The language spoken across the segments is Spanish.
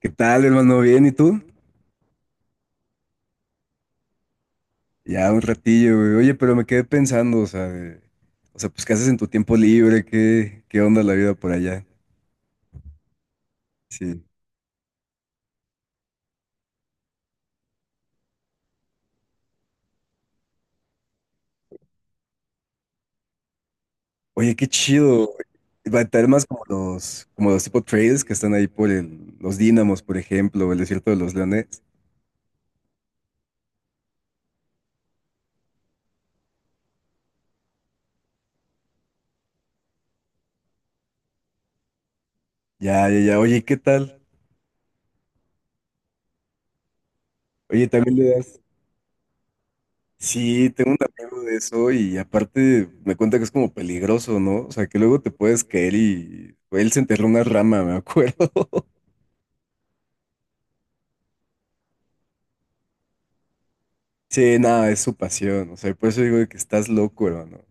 ¿Qué tal, hermano? ¿Bien? ¿Y tú? Ya un ratillo, güey. Oye, pero me quedé pensando, o sea, o sea, pues, ¿qué haces en tu tiempo libre? ¿Qué onda la vida por allá? Sí. Oye, qué chido. Va a estar más como los tipo trails que están ahí por los Dínamos, por ejemplo, el desierto de los Leones. Ya, ya, ya. Oye, ¿qué tal? Oye, también le das. Sí, tengo un amigo de eso y aparte me cuenta que es como peligroso, ¿no? O sea, que luego te puedes caer y él se enterró una rama, me acuerdo. Sí, nada, es su pasión. O sea, por eso digo de que estás loco, hermano.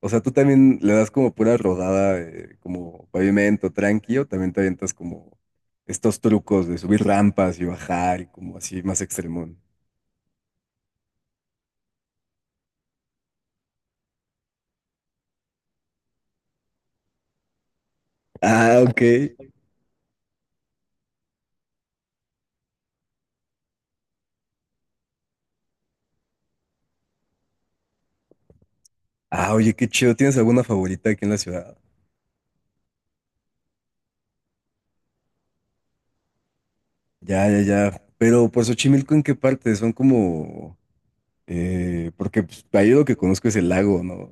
O sea, tú también le das como pura rodada, como pavimento tranquilo, también te avientas como estos trucos de subir rampas y bajar y como así más extremón. Ah, ok. Ah, oye, qué chido. ¿Tienes alguna favorita aquí en la ciudad? Ya, ya, ya. Pero por Xochimilco, ¿en qué parte? Son como... porque pues, ahí lo que conozco es el lago, ¿no?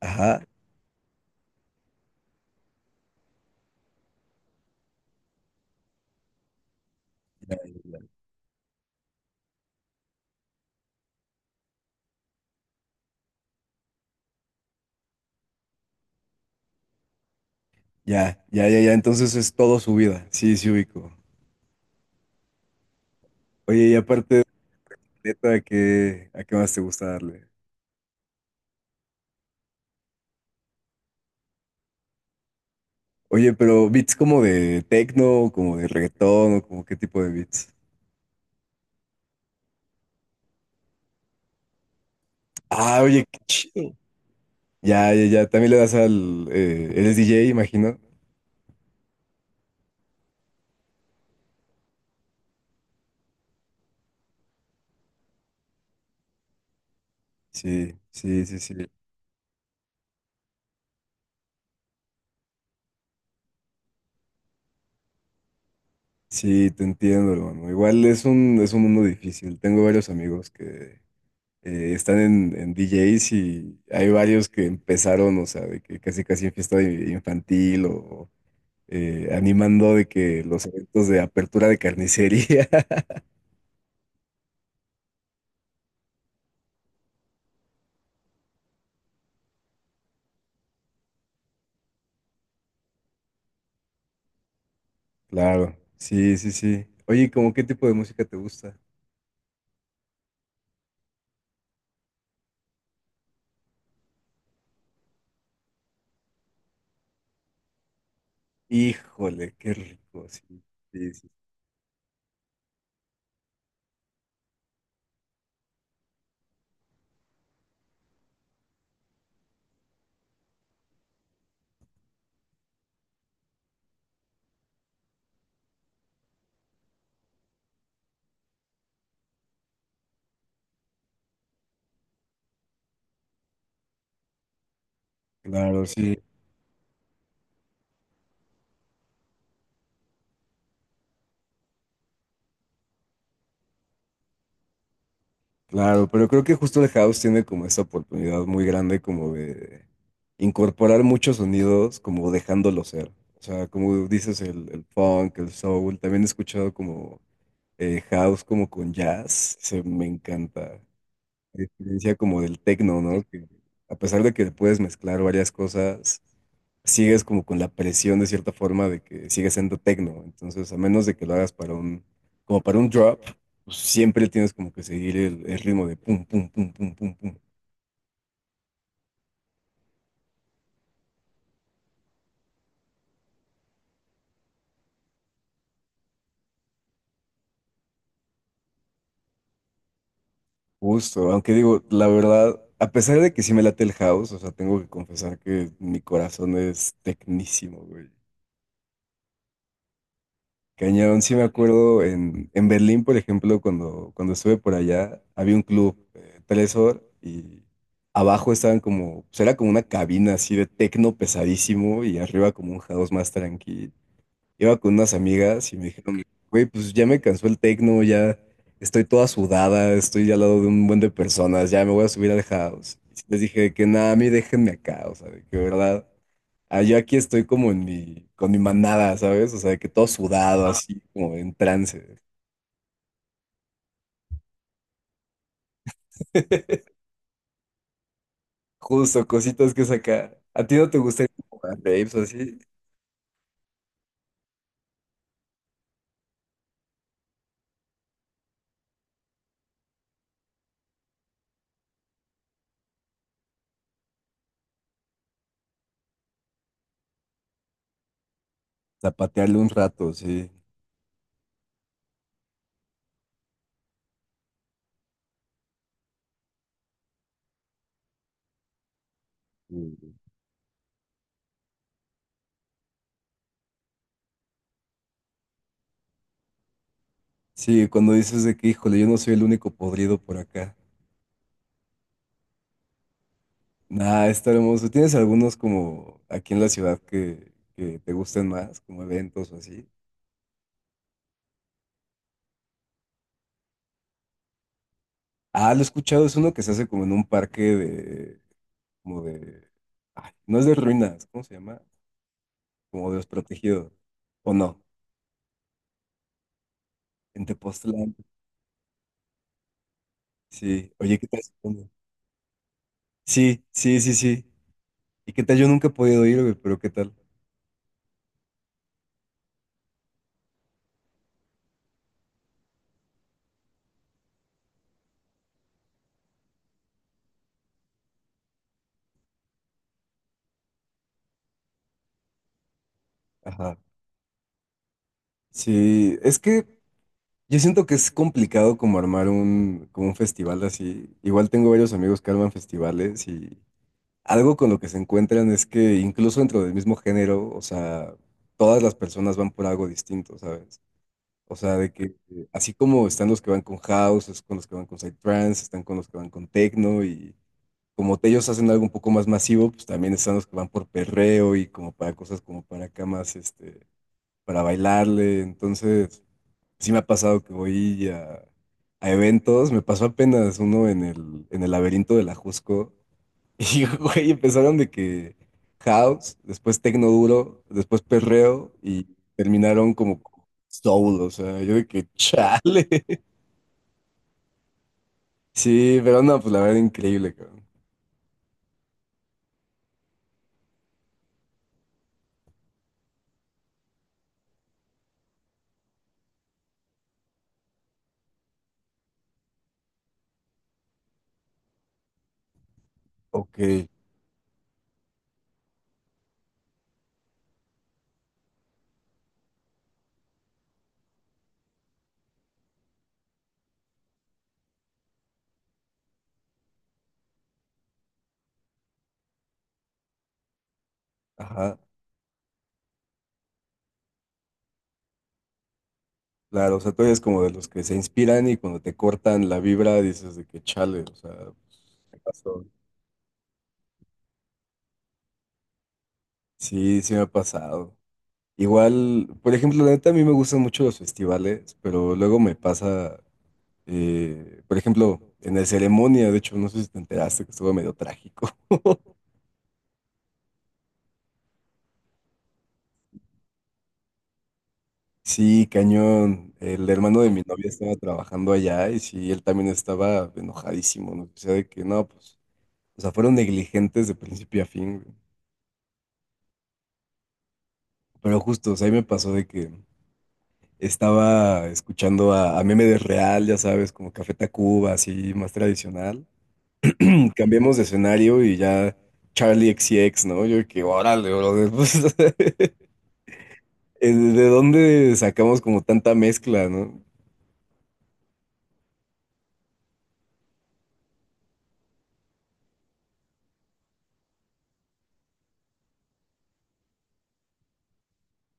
Ajá. Ya, ya, ya, ya. Ya. Ya, entonces es todo subida. Sí, sí ubico. Oye, y aparte de neta, ¿a qué más te gusta darle? Oye, pero beats como de techno, como de reggaetón, o como qué tipo de beats. Ah, oye, qué chido. Ya, ya, ya. También le das al. Eres DJ, imagino. Sí, sí, sí, sí. Sí, te entiendo, hermano. Igual es un mundo difícil. Tengo varios amigos que están en DJs y hay varios que empezaron, o sea, de que casi casi en fiesta infantil o animando de que los eventos de apertura de carnicería. Claro, sí, sí, sí. Oye, ¿cómo qué tipo de música te gusta? Híjole, qué rico, sí, sí, sí. Claro, sí, claro, pero creo que justo el house tiene como esa oportunidad muy grande como de incorporar muchos sonidos, como dejándolo ser. O sea, como dices, el funk, el soul, también he escuchado como house como con jazz, se me encanta. La diferencia como del tecno, ¿no? Que a pesar de que puedes mezclar varias cosas, sigues como con la presión de cierta forma de que sigues siendo tecno. Entonces, a menos de que lo hagas para un, como para un drop, pues siempre tienes como que seguir el ritmo de pum, pum, pum, pum, pum, pum. Justo, aunque digo, la verdad, a pesar de que sí me late el house, o sea, tengo que confesar que mi corazón es tecnísimo, güey. Cañón, sí me acuerdo en Berlín, por ejemplo, cuando estuve por allá, había un club, Telesor, y abajo estaban como, pues era como una cabina así de tecno pesadísimo y arriba como un house más tranquilo. Iba con unas amigas y me dijeron, güey, pues ya me cansó el tecno, ya estoy toda sudada, estoy ya al lado de un buen de personas, ya me voy a subir al house. Y les dije que nada, a mí déjenme acá, o sea, de que verdad, ah, yo aquí estoy como en mi, con mi manada, ¿sabes? O sea, de que todo sudado, así como en trance. Justo, cositas que sacar. ¿A ti no te gusta ir como a raves o así? Zapatearle un rato, sí. Sí, sí, cuando dices de que, híjole, yo no soy el único podrido por acá. Nah, está hermoso. ¿Tienes algunos como aquí en la ciudad que te gusten más, como eventos o así? Ah, lo he escuchado, es uno que se hace como en un parque de, como de, ay, no es de ruinas, ¿cómo se llama? Como de los protegidos, ¿o no? En Tepoztlán, sí. Oye, ¿qué tal? Sí, sí, sí, sí. ¿Y qué tal? Yo nunca he podido ir, güey, pero ¿qué tal? Ajá. Sí, es que yo siento que es complicado como armar un, como un festival así. Igual tengo varios amigos que arman festivales y algo con lo que se encuentran es que incluso dentro del mismo género, o sea, todas las personas van por algo distinto, ¿sabes? O sea, de que así como están los que van con house, es con los que van con psytrance, están con los que van con techno y como ellos hacen algo un poco más masivo, pues también están los que van por perreo y como para cosas como para acá más, este, para bailarle. Entonces, sí me ha pasado que voy a eventos, me pasó apenas uno en el laberinto de la Jusco. Y, güey, empezaron de que house, después tecno duro, después perreo y terminaron como soul, o sea, yo de que chale. Sí, pero no, pues la verdad increíble, cabrón. Ok, ajá, claro, o sea, tú eres como de los que se inspiran y cuando te cortan la vibra dices de que chale, o sea, ¿qué pasó? Sí, sí me ha pasado. Igual, por ejemplo, la neta a mí me gustan mucho los festivales, pero luego me pasa. Por ejemplo, en la ceremonia, de hecho, no sé si te enteraste que estuvo medio trágico. Sí, cañón. El hermano de mi novia estaba trabajando allá y sí, él también estaba enojadísimo, ¿no? O sea, de que no, pues, o sea, fueron negligentes de principio a fin, güey. Pero justo, o sea, ahí me pasó de que estaba escuchando a Meme de Real, ya sabes, como Café Tacuba, así, más tradicional. Cambiamos de escenario y ya Charlie X C X, ¿no? Yo de que, órale, brother, pues, ¿de dónde sacamos como tanta mezcla, no?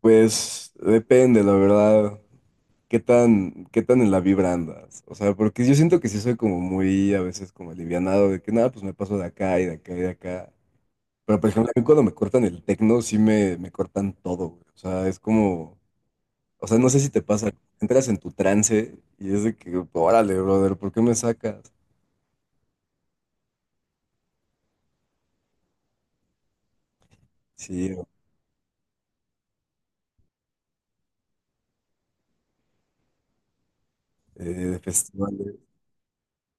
Pues depende, la verdad, qué tan en la vibra andas. O sea, porque yo siento que sí soy como muy a veces como alivianado de que nada, pues me paso de acá y de acá y de acá. Pero por ejemplo, a mí cuando me cortan el tecno, sí me cortan todo, güey. O sea, es como, o sea, no sé si te pasa, entras en tu trance y es de que, órale, brother, ¿por qué me sacas? Sí, de festivales.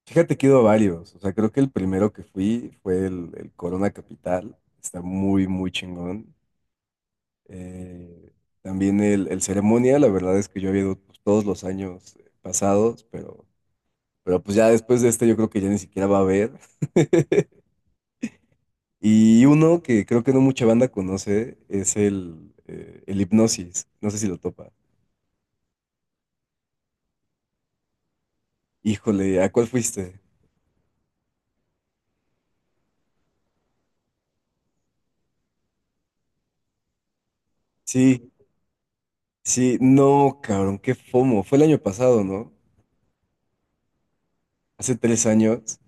Fíjate que he ido a varios. O sea, creo que el primero que fui fue el Corona Capital. Está muy, muy chingón. Eh, también el Ceremonia, la verdad es que yo había ido pues, todos los años pasados, pero pues ya después de este yo creo que ya ni siquiera va a haber. Y uno que creo que no mucha banda conoce es el, el Hipnosis. No sé si lo topa. Híjole, ¿a cuál fuiste? Sí, sí, no, cabrón, qué fomo. Fue el año pasado, ¿no? Hace tres años.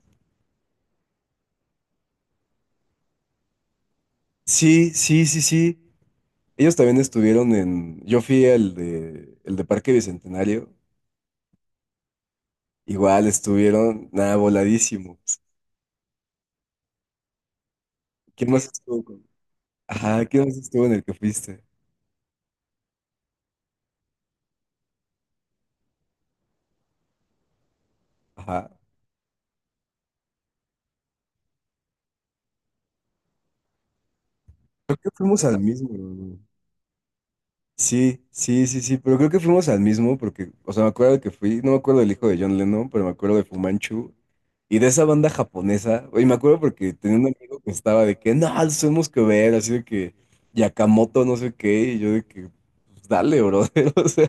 Sí, sí, sí, sí. Ellos también estuvieron en. Yo fui al de el de Parque Bicentenario. Igual estuvieron nada voladísimos. ¿Quién más estuvo con? Ajá, ¿quién más estuvo en el que fuiste? Ajá. Creo que fuimos al mismo, ¿no? Sí, sí, sí, sí, pero creo que fuimos al mismo porque, o sea, me acuerdo que fui, no me acuerdo del hijo de John Lennon, pero me acuerdo de Fumanchu y de esa banda japonesa, y me acuerdo porque tenía un amigo que estaba de que, no, los tenemos que ver, así de que Yakamoto, no sé qué, y yo de que, pues dale, brother, o sea,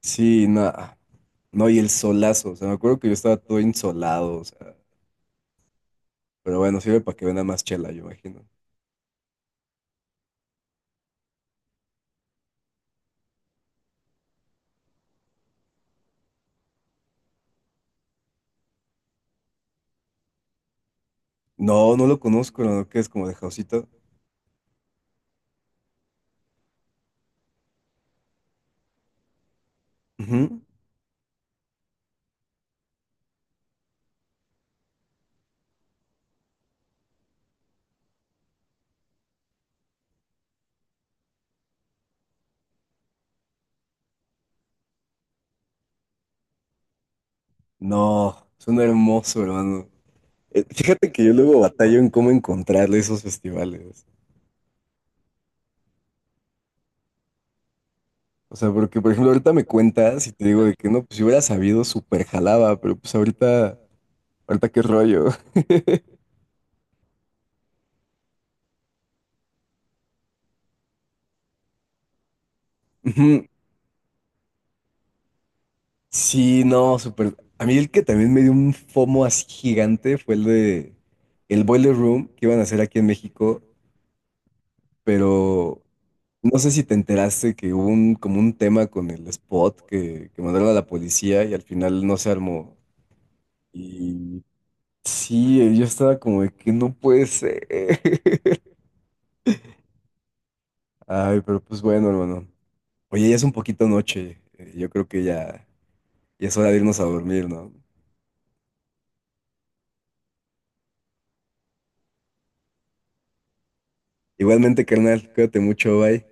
sí, nada, no, y el solazo, o sea, me acuerdo que yo estaba todo insolado, o sea, pero bueno, sirve para que venda más chela, yo imagino. No, no lo conozco, ¿no? Que es como de Jausito. Ujú. No, suena hermoso, hermano. Fíjate que yo luego batallo en cómo encontrarle esos festivales. O sea, porque por ejemplo ahorita me cuentas y te digo de que no, pues si hubiera sabido, súper jalaba, pero pues ahorita, ahorita qué rollo. Ujú. Sí, no, súper. A mí el que también me dio un FOMO así gigante fue el de el Boiler Room que iban a hacer aquí en México, pero no sé si te enteraste que hubo un, como un tema con el spot que mandaron a la policía y al final no se armó. Y sí, yo estaba como de que no puede ser. Ay, pero pues bueno, hermano. Oye, ya es un poquito noche. Yo creo que ya es hora de irnos a dormir, ¿no? Igualmente, carnal, cuídate mucho, bye.